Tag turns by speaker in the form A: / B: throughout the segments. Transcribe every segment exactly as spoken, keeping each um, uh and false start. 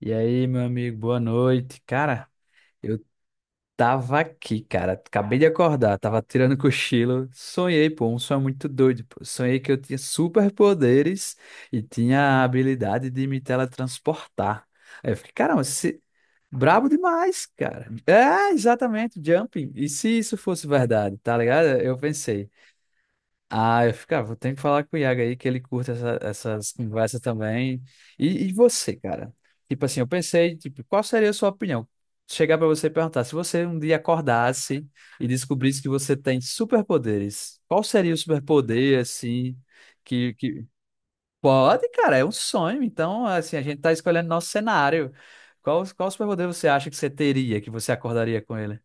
A: E aí, meu amigo, boa noite. Cara, eu tava aqui, cara. Acabei de acordar, tava tirando cochilo. Sonhei, pô, um sonho muito doido, pô. Sonhei que eu tinha superpoderes e tinha a habilidade de me teletransportar. Aí eu fiquei, caramba, se... brabo demais, cara. É, exatamente, jumping. E se isso fosse verdade, tá ligado? Eu pensei. Ah, eu ficava, tem que falar com o Iago aí que ele curta essa- essas conversas também. E, e você, cara? Tipo assim, eu pensei, tipo, qual seria a sua opinião? Chegar pra você e perguntar, se você um dia acordasse e descobrisse que você tem superpoderes, qual seria o superpoder assim que, que... Pode, cara, é um sonho. Então, assim, a gente tá escolhendo nosso cenário. Qual, qual superpoder você acha que você teria, que você acordaria com ele?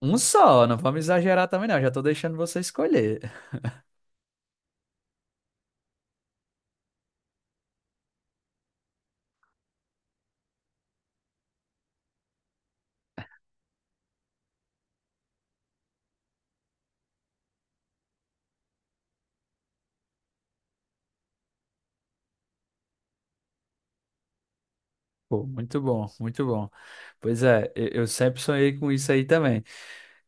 A: Um só, não vamos exagerar também não, já tô deixando você escolher. Pô, muito bom, muito bom. Pois é, eu, eu sempre sonhei com isso aí também,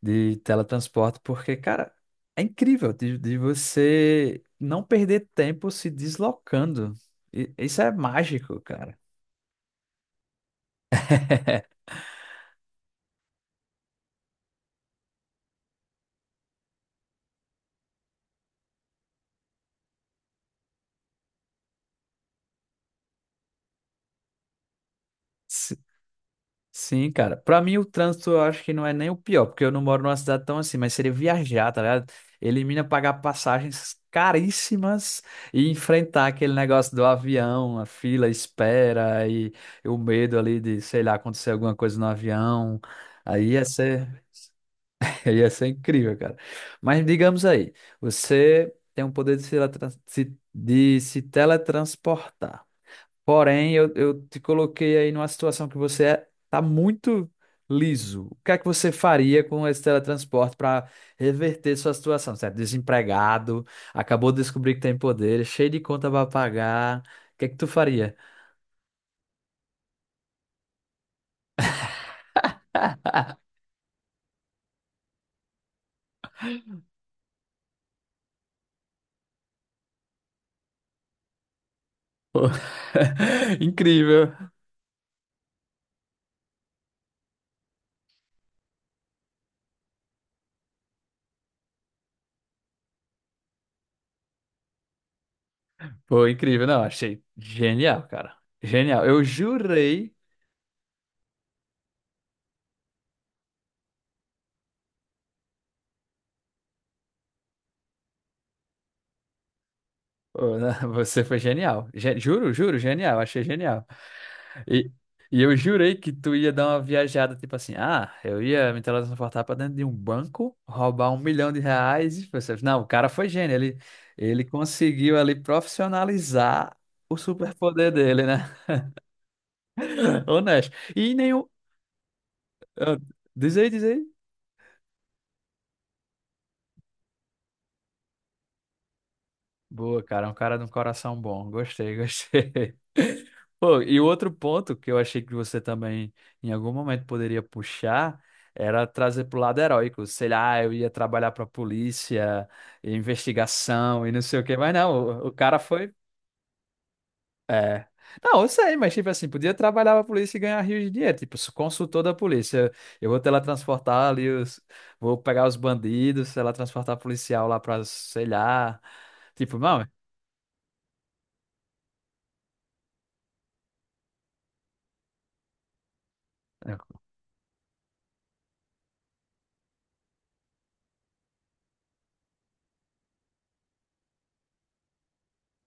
A: de teletransporte, porque, cara, é incrível de, de você não perder tempo se deslocando. E- Isso é mágico, cara. Sim, cara. Pra mim, o trânsito eu acho que não é nem o pior, porque eu não moro numa cidade tão assim, mas seria viajar, tá ligado? Elimina pagar passagens caríssimas e enfrentar aquele negócio do avião, a fila, a espera e o medo ali de, sei lá, acontecer alguma coisa no avião. Aí ia ser, ia ser incrível, cara. Mas digamos aí, você tem o poder de se, teletran- se- de se teletransportar. Porém, eu, eu te coloquei aí numa situação que você é- tá muito liso. O que é que você faria com esse teletransporte para reverter sua situação? Certo? Desempregado, acabou de descobrir que tem poder, cheio de conta para pagar. O que é que tu faria? Pô, incrível. Pô, incrível. Não, achei genial, cara. Genial. Eu jurei. Pô, você foi genial. Ge- juro, juro, genial. Achei genial. E, e eu jurei que tu ia dar uma viajada, tipo assim, ah, eu ia me teletransportar pra dentro de um banco, roubar um milhão de reais. E você, não, o cara foi gênio, ele, ele conseguiu ali profissionalizar o superpoder dele, né? Honesto. E nenhum. ah, Diz aí, diz aí. Boa, cara, é um cara de um coração bom. Gostei, gostei. Pô, e o outro ponto que eu achei que você também em algum momento poderia puxar era trazer pro lado heróico. Sei lá, eu ia trabalhar pra polícia, investigação e não sei o quê, mas não, o, o cara foi. É. Não, eu sei, mas tipo assim, podia trabalhar pra polícia e ganhar rios de dinheiro. Tipo, sou consultor da polícia. Eu vou teletransportar ali os. Vou pegar os bandidos, teletransportar policial lá pra, sei lá. Tipo, não.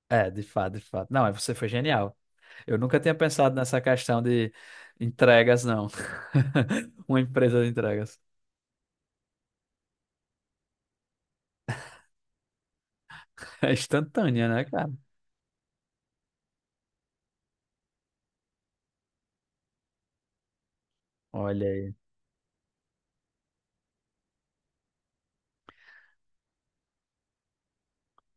A: É, de fato, de fato. Não, mas você foi genial. Eu nunca tinha pensado nessa questão de entregas, não. Uma empresa de entregas. É instantânea, né, cara? Olha aí.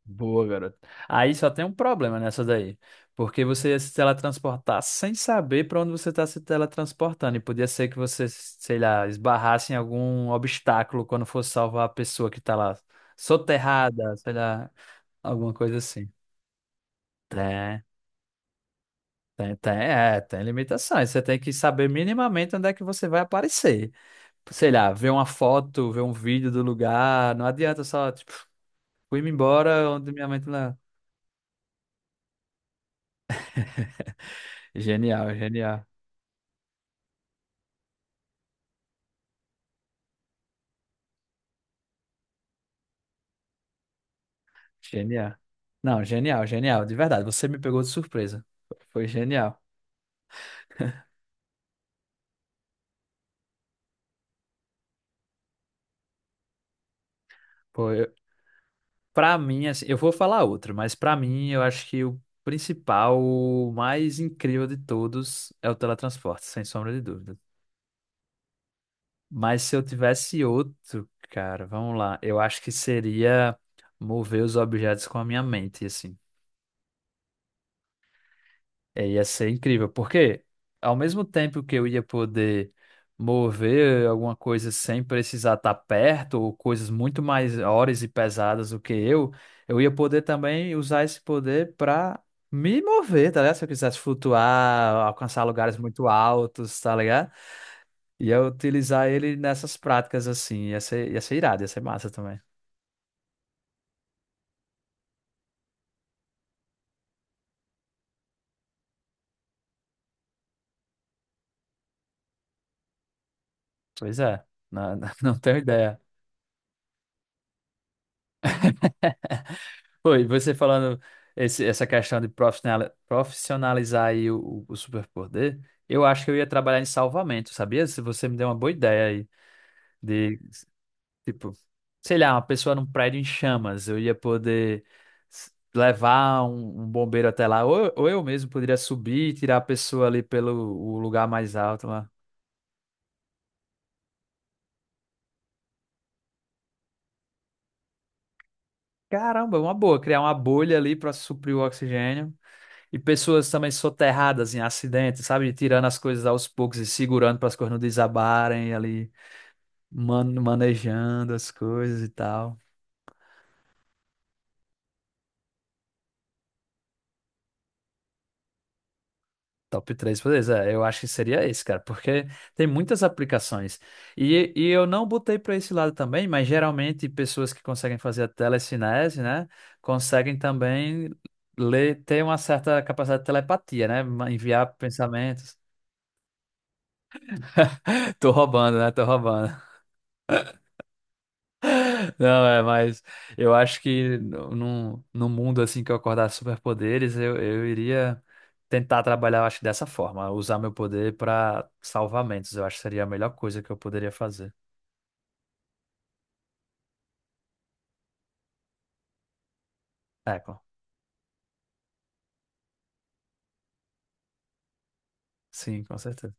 A: Boa, garoto. Aí só tem um problema nessa daí. Porque você ia se teletransportar sem saber para onde você está se teletransportando. E podia ser que você, sei lá, esbarrasse em algum obstáculo quando fosse salvar a pessoa que está lá soterrada, sei lá, alguma coisa assim. É. Tem, tem, é, tem limitações. Você tem que saber minimamente onde é que você vai aparecer. Sei lá, ver uma foto, ver um vídeo do lugar. Não adianta só, tipo, fui-me embora onde minha mente não. Genial, genial, genial. Não, genial, genial. De verdade, você me pegou de surpresa. Foi genial. Pô, eu, pra mim, assim, eu vou falar outro, mas pra mim, eu acho que o principal, o mais incrível de todos é o teletransporte, sem sombra de dúvida. Mas se eu tivesse outro, cara, vamos lá. Eu acho que seria mover os objetos com a minha mente, assim. É, ia ser incrível, porque ao mesmo tempo que eu ia poder mover alguma coisa sem precisar estar perto, ou coisas muito maiores e pesadas do que eu, eu ia poder também usar esse poder para me mover, tá ligado? Se eu quisesse flutuar, alcançar lugares muito altos, tá ligado? Ia utilizar ele nessas práticas assim, ia ser, ia ser irado, ia ser massa também. Pois é, não, não não tenho ideia. Pô, e você falando esse, essa questão de profissionali- profissionalizar aí o, o o superpoder, eu acho que eu ia trabalhar em salvamento, sabia? Se você me deu uma boa ideia aí de, tipo, sei lá, uma pessoa num prédio em chamas, eu ia poder s- levar um, um bombeiro até lá, ou, ou eu mesmo poderia subir e tirar a pessoa ali pelo o lugar mais alto lá. Caramba, uma boa, criar uma bolha ali para suprir o oxigênio. E pessoas também soterradas em acidentes, sabe? Tirando as coisas aos poucos e segurando para as coisas não desabarem ali, man- manejando as coisas e tal. Top três poderes, é, eu acho que seria esse, cara, porque tem muitas aplicações. E, e eu não botei para esse lado também, mas geralmente pessoas que conseguem fazer a telecinese, né, conseguem também ler, ter uma certa capacidade de telepatia, né, enviar pensamentos. Tô roubando, né? Tô roubando. Não, é, mas eu acho que no, num- num mundo assim que eu acordasse superpoderes, eu, eu iria tentar trabalhar, eu acho, dessa forma, usar meu poder para salvamentos. Eu acho que seria a melhor coisa que eu poderia fazer. É, com- sim, com certeza.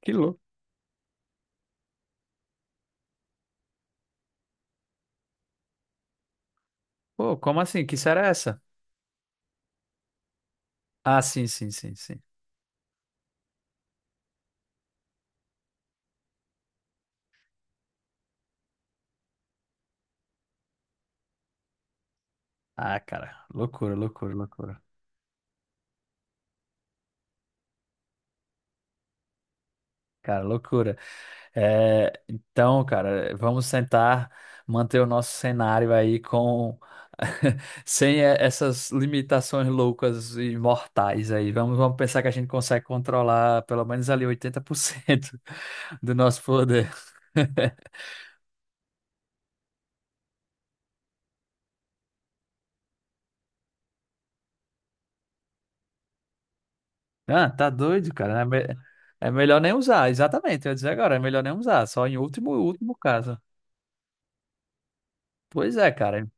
A: Que louco. Pô, como assim? Que série é essa? Ah, sim, sim, sim, sim. Ah, cara, loucura, loucura, loucura. Cara, loucura. É, então, cara, vamos tentar manter o nosso cenário aí com sem eh, essas limitações loucas e mortais aí. Vamos, vamos pensar que a gente consegue controlar pelo menos ali oitenta por cento do nosso poder. Ah, tá doido, cara. É, me- é melhor nem usar, exatamente. Eu ia dizer agora, é melhor nem usar, só em último, último caso. Pois é, cara.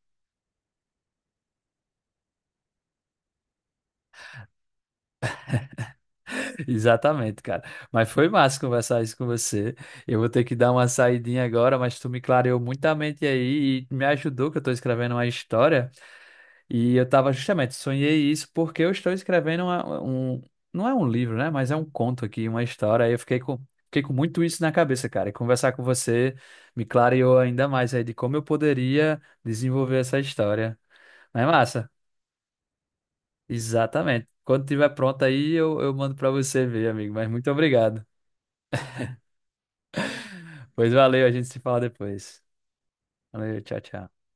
A: Exatamente, cara. Mas foi massa conversar isso com você. Eu vou ter que dar uma saidinha agora, mas tu me clareou muito a mente aí e me ajudou que eu tô escrevendo uma história e eu tava justamente, sonhei isso porque eu estou escrevendo uma- um, não é um livro, né, mas é um conto aqui, uma história. Aí eu fiquei com, fiquei com, muito isso na cabeça, cara. E conversar com você me clareou ainda mais aí de como eu poderia desenvolver essa história. Não é massa? Exatamente. Quando tiver pronto aí, eu, eu mando pra você ver, amigo. Mas muito obrigado. Pois valeu, a gente se fala depois. Valeu, tchau, tchau.